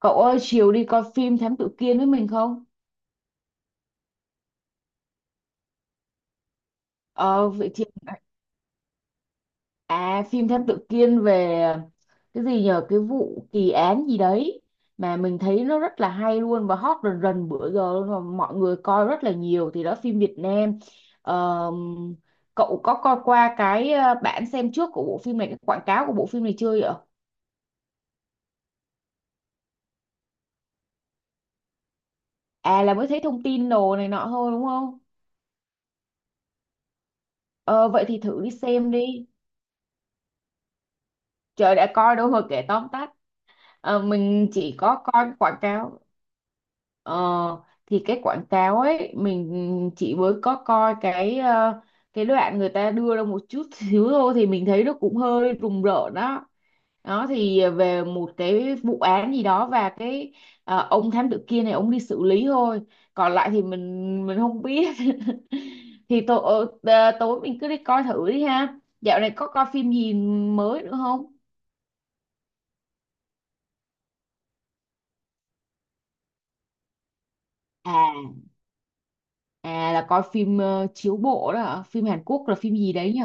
Cậu ơi, chiều đi coi phim Thám Tử Kiên với mình không? Ờ, vậy thì phim Thám Tử Kiên về cái gì nhờ cái vụ kỳ án gì đấy mà mình thấy nó rất là hay luôn và hot rần rần bữa giờ luôn và mọi người coi rất là nhiều thì đó phim Việt Nam. Ờ, cậu có coi qua cái bản xem trước của bộ phim này, cái quảng cáo của bộ phim này chưa vậy? À, là mới thấy thông tin đồ này nọ thôi đúng không? Ờ, vậy thì thử đi xem đi. Trời đã coi đâu mà kể tóm tắt. Mình chỉ có coi quảng cáo. Ờ, thì cái quảng cáo ấy mình chỉ mới có coi cái cái đoạn người ta đưa ra một chút xíu thôi thì mình thấy nó cũng hơi rùng rợn đó. Đó thì về một cái vụ án gì đó và cái ông thám tử kia này ông đi xử lý thôi. Còn lại thì mình không biết thì tối tối mình cứ đi coi thử đi ha. Dạo này có coi phim gì mới nữa không? À, à, là coi phim chiếu bộ đó hả? Phim Hàn Quốc là phim gì đấy nhỉ?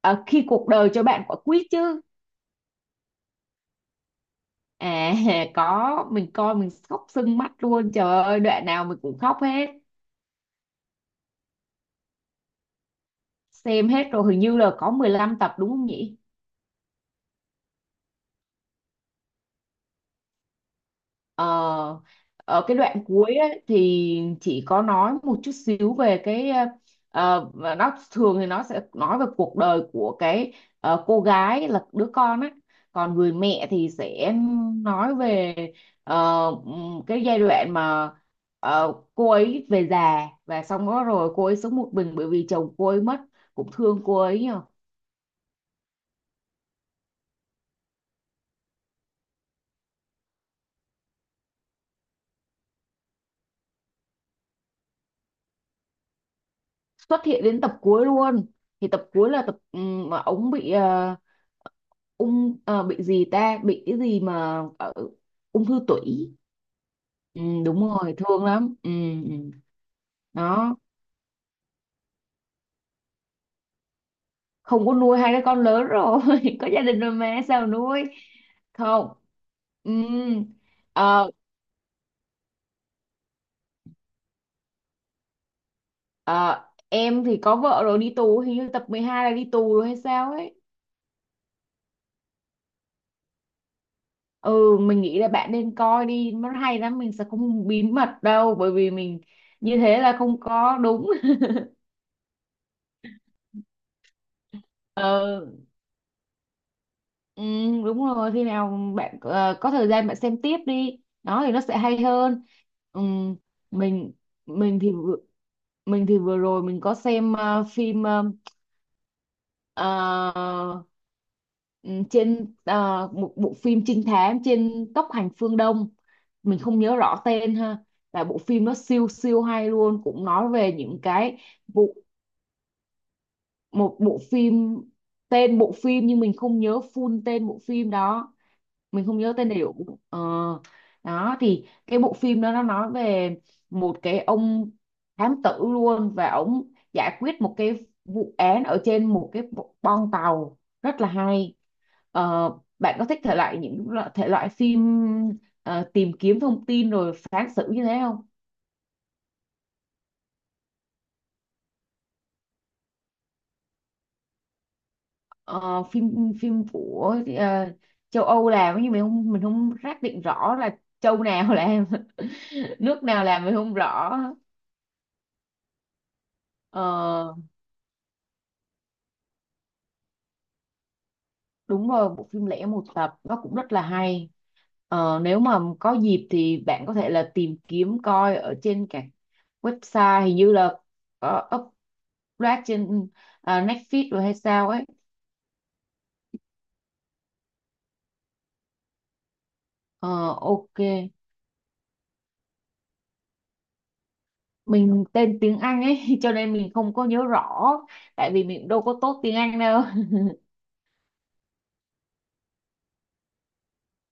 Ờ, khi cuộc đời cho bạn quả quýt chứ. à có mình coi mình khóc sưng mắt luôn, trời ơi đoạn nào mình cũng khóc hết. Xem hết rồi, hình như là có 15 tập đúng không nhỉ? Ờ, ở cái đoạn cuối ấy, thì chị có nói một chút xíu về cái và nó. Thường thì nó sẽ nói về cuộc đời của cái cô gái là đứa con á, còn người mẹ thì sẽ nói về cái giai đoạn mà cô ấy về già và xong đó rồi cô ấy sống một mình bởi vì chồng cô ấy mất, cũng thương cô ấy nhờ. Xuất hiện đến tập cuối luôn, thì tập cuối là tập mà ông bị bị gì ta, bị cái gì mà ở ung thư tủy. Ừ, đúng rồi, thương lắm. Ừ, ừ. Đó, không có nuôi hai đứa con lớn rồi có gia đình rồi mà sao nuôi. Không, ừ. ờ, ờ, em thì có vợ rồi đi tù, hình như tập 12 là đi tù rồi hay sao ấy. Ừ, mình nghĩ là bạn nên coi đi, nó hay lắm. Mình sẽ không bí mật đâu bởi vì mình như thế là không có đúng. Ừ, ừ, đúng rồi, khi nào bạn có thời gian bạn xem tiếp đi đó thì nó sẽ hay hơn. Ừ, mình. mình thì vừa- mình thì vừa rồi mình có xem phim ờ, ừ, trên một bộ phim trinh thám trên Tốc Hành Phương Đông. Mình không nhớ rõ tên ha, là bộ phim nó siêu siêu hay luôn, cũng nói về những cái. bộ Một bộ phim, tên bộ phim nhưng mình không nhớ full tên bộ phim đó. Mình không nhớ tên đầy đủ. Ờ, đó thì cái bộ phim đó nó nói về một cái ông thám tử luôn và ông giải quyết một cái vụ án ở trên một cái boong tàu, rất là hay. Ờ, bạn có thích thể loại thể loại phim tìm kiếm thông tin rồi phán xử như thế không? Ờ, phim phim của châu Âu làm nhưng mình không xác định rõ là châu nào làm nước nào làm mình không rõ. Ờ, đúng rồi, bộ phim lẻ một tập nó cũng rất là hay. Nếu mà có dịp thì bạn có thể là tìm kiếm coi ở trên các website, hình như là có upload trên Netflix rồi hay sao ấy. Ờ, ok, mình tên tiếng Anh ấy cho nên mình không có nhớ rõ, tại vì mình đâu có tốt tiếng Anh đâu.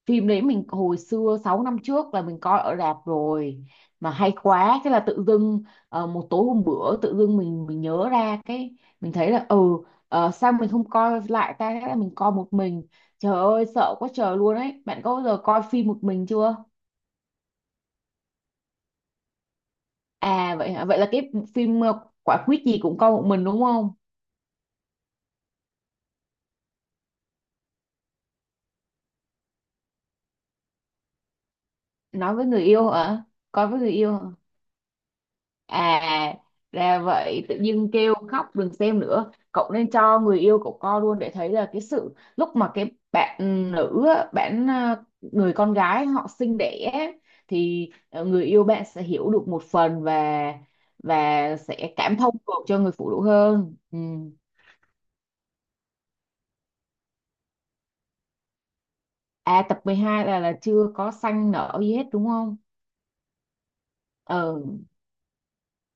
Phim đấy mình hồi xưa 6 năm trước là mình coi ở rạp rồi, mà hay quá thế là tự dưng một tối hôm bữa tự dưng mình nhớ ra cái mình thấy là sao mình không coi lại ta, thế là mình coi một mình, trời ơi sợ quá trời luôn ấy. Bạn có bao giờ coi phim một mình chưa? À, vậy hả? Vậy là cái phim quả quýt gì cũng coi một mình đúng không? Nói với người yêu hả? Coi với người yêu hả? À, ra vậy, tự nhiên kêu khóc đừng xem nữa. Cậu nên cho người yêu cậu coi luôn để thấy là cái sự lúc mà cái bạn nữ á, người con gái họ sinh đẻ á, thì người yêu bạn sẽ hiểu được một phần và sẽ cảm thông được cho người phụ nữ hơn. Ừ. À, tập 12 là chưa có xanh nở gì hết đúng không? ờ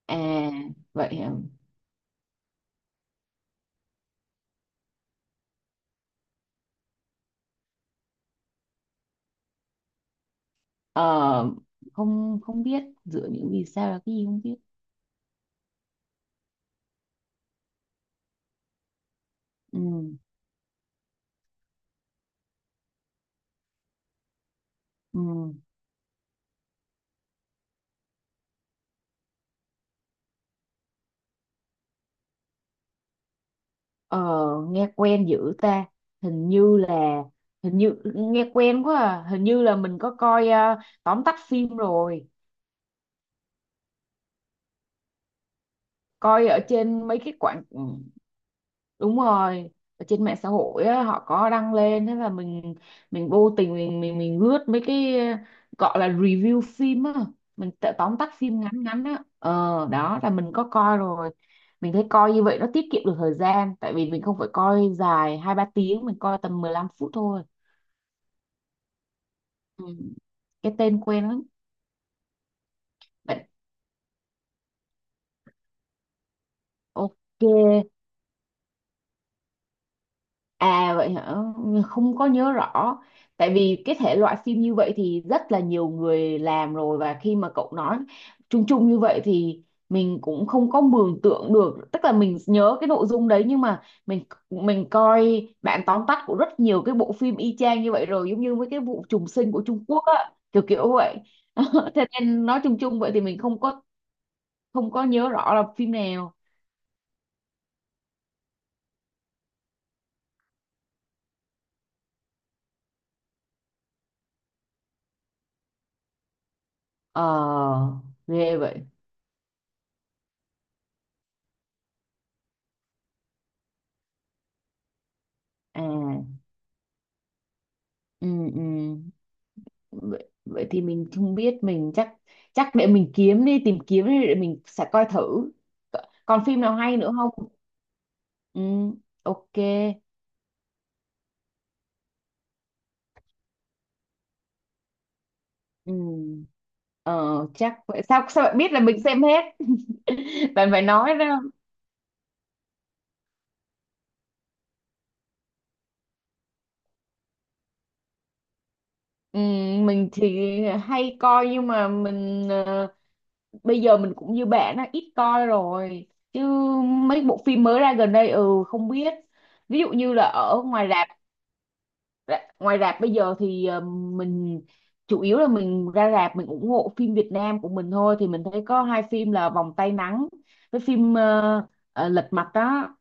à vậy hả? ờ Không, không biết, dựa những vì sao là cái gì không biết. Ừ, ừ. Ờ, nghe quen dữ ta, hình như là hình như nghe quen quá à. Hình như là mình có coi tóm tắt phim rồi, coi ở trên mấy cái quảng. Ừ, Đúng rồi, ở trên mạng xã hội á, họ có đăng lên, thế là mình vô tình mình lướt mấy cái gọi là review phim á, mình tự tóm tắt phim ngắn ngắn á. Ờ Đó là mình có coi rồi. Mình thấy coi như vậy nó tiết kiệm được thời gian, tại vì mình không phải coi dài 2, 3 tiếng, mình coi tầm 15 phút thôi. Ừ. Cái tên quen lắm. Bệnh- Ok. À, vậy hả? Không có nhớ rõ. Tại vì cái thể loại phim như vậy thì rất là nhiều người làm rồi, và khi mà cậu nói chung chung như vậy thì mình cũng không có mường tượng được. Tức là mình nhớ cái nội dung đấy nhưng mà mình coi bản tóm tắt của rất nhiều cái bộ phim y chang như vậy rồi, giống như với cái vụ trùng sinh của Trung Quốc á, kiểu kiểu vậy. Thế nên nói chung chung vậy thì mình không có nhớ rõ là phim nào. Ờ, ghê vậy. À, ừ, ừ. Vậy thì mình không biết, mình chắc chắc để mình kiếm đi, tìm kiếm đi, để mình sẽ coi thử. Còn phim nào hay nữa không? Ừ, ok. Ừ. Ờ, chắc vậy. Sao sao bạn biết là mình xem hết? Bạn phải nói ra. Ừ, mình thì hay coi nhưng mà mình bây giờ mình cũng như bạn á ít coi rồi, chứ mấy bộ phim mới ra gần đây ừ không biết, ví dụ như là ở ngoài rạp. Ngoài rạp bây giờ thì mình chủ yếu là mình ra rạp mình ủng hộ phim Việt Nam của mình thôi, thì mình thấy có hai phim là Vòng Tay Nắng với phim Lật Mặt đó.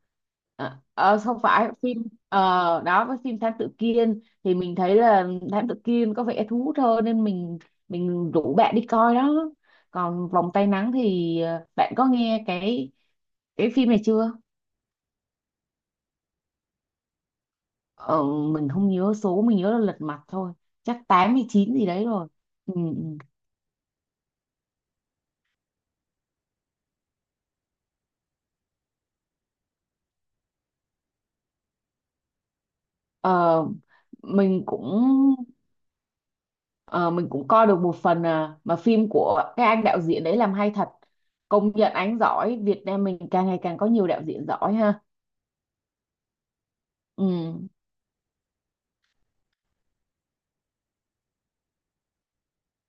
Không phải phim đó với phim Thám Tử Kiên thì mình thấy là Thám Tử Kiên có vẻ thú hơn, nên mình rủ bạn đi coi đó. Còn Vòng Tay Nắng thì bạn có nghe cái phim này chưa? Ờ, mình không nhớ số, mình nhớ là lật mặt thôi, chắc 8 hay 9 gì đấy rồi. Ừ, ừ. Ờ, mình cũng ờ, mình cũng coi được một phần, mà phim của cái anh đạo diễn đấy làm hay thật, công nhận anh giỏi. Việt Nam mình càng ngày càng có nhiều đạo diễn giỏi ha. Ừ.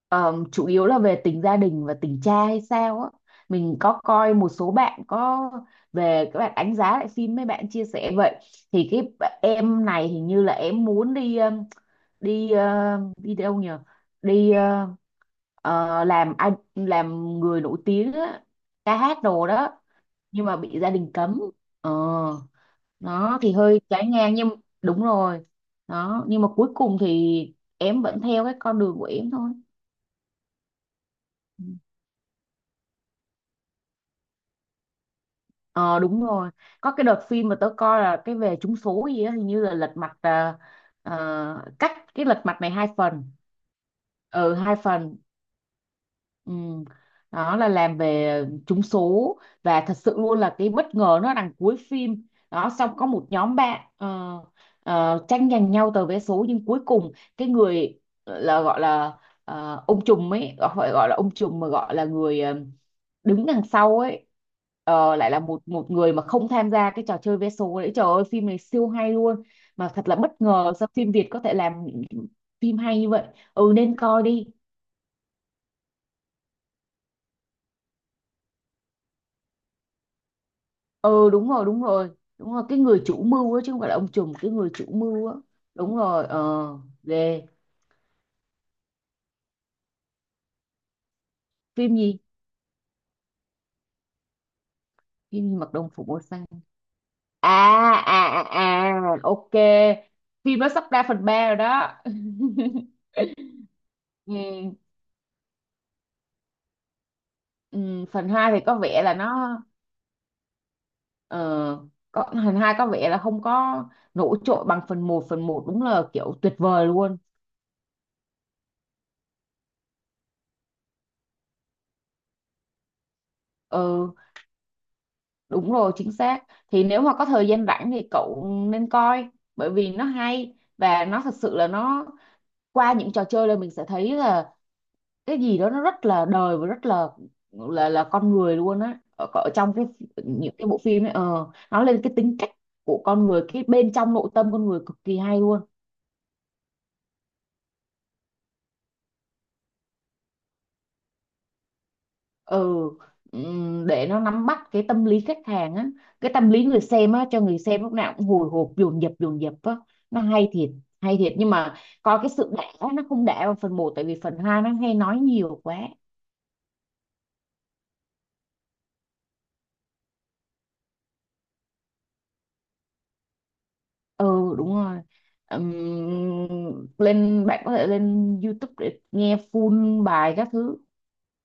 Ờ, chủ yếu là về tình gia đình và tình cha hay sao á. Mình có coi một số bạn có về các bạn đánh giá lại phim, mấy bạn chia sẻ vậy thì cái em này hình như là em muốn đi đi đi đâu nhờ đi ờ, làm người nổi tiếng á, ca hát đồ đó, nhưng mà bị gia đình cấm. ờ nó thì hơi trái ngang nhưng đúng rồi đó, nhưng mà cuối cùng thì em vẫn theo cái con đường của em thôi. Ừ. ờ Đúng rồi, có cái đợt phim mà tớ coi là cái về trúng số gì á, hình như là lật mặt cách cái lật mặt này 2 phần. Ừ, 2 phần. Ừ. Đó là làm về trúng số, và thật sự luôn là cái bất ngờ nó đằng cuối phim đó. Xong có một nhóm bạn tranh giành nhau tờ vé số, nhưng cuối cùng cái người là gọi là ông trùm ấy, phải gọi là ông trùm mà gọi là người đứng đằng sau ấy lại là một một người mà không tham gia cái trò chơi vé số đấy. Trời ơi phim này siêu hay luôn, mà thật là bất ngờ sao phim Việt có thể làm phim hay như vậy. Ừ, nên coi đi. Ừ, đúng rồi, đúng rồi, đúng rồi, cái người chủ mưu á chứ không phải là ông trùm, cái người chủ mưu á. Đúng rồi. Ờ Ghê. Phim gì? Phim gì mặc đồng phục màu xanh? À, à, à, à, ok, phim nó sắp ra phần 3 rồi đó. Ừ, ừ, phần 2 thì có vẻ là nó ờ, có, phần 2 có vẻ là không có nổi trội bằng phần 1. phần 1 đúng là kiểu tuyệt vời luôn. Ừ, đúng rồi, chính xác. Thì nếu mà có thời gian rảnh thì cậu nên coi, bởi vì nó hay và nó thật sự là nó, qua những trò chơi là mình sẽ thấy là cái gì đó nó rất là đời và rất là con người luôn á. Ở trong cái những cái bộ phim ấy nó lên cái tính cách của con người, cái bên trong nội tâm con người cực kỳ hay luôn. ừ để nó nắm bắt cái tâm lý khách hàng á, cái tâm lý người xem á, cho người xem lúc nào cũng hồi hộp dồn dập á. Nó hay thiệt, hay thiệt, nhưng mà coi cái sự đã nó không đã vào phần 1, tại vì phần 2 nó hay nói nhiều quá. Ừ, đúng rồi. Lên bạn có thể lên YouTube để nghe full bài các thứ.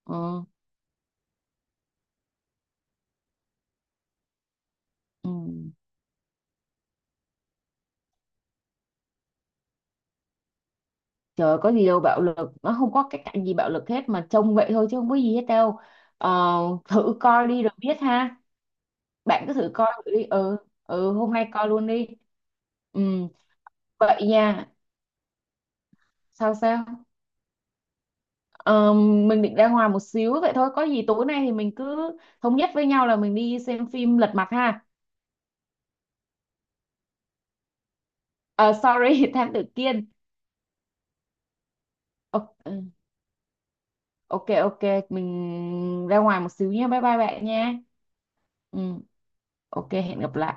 Ừ, ừ. Trời, có gì đâu bạo lực, nó không có cái cảnh gì bạo lực hết mà, trông vậy thôi chứ không có gì hết đâu. Ờ, thử coi đi rồi biết ha, bạn cứ thử coi thử đi. Ừ, ừ, hôm nay coi luôn đi. Ừ, vậy nha. Sao, sao? Ờ, mình định ra ngoài một xíu vậy thôi, có gì tối nay thì mình cứ thống nhất với nhau là mình đi xem phim Lật Mặt ha. Ờ, sorry, Thám Tử Kiên. Ok, ừ, ok, ok, mình ra ngoài một xíu nha, bye bye bạn nha. Ừ, ok, hẹn gặp lại.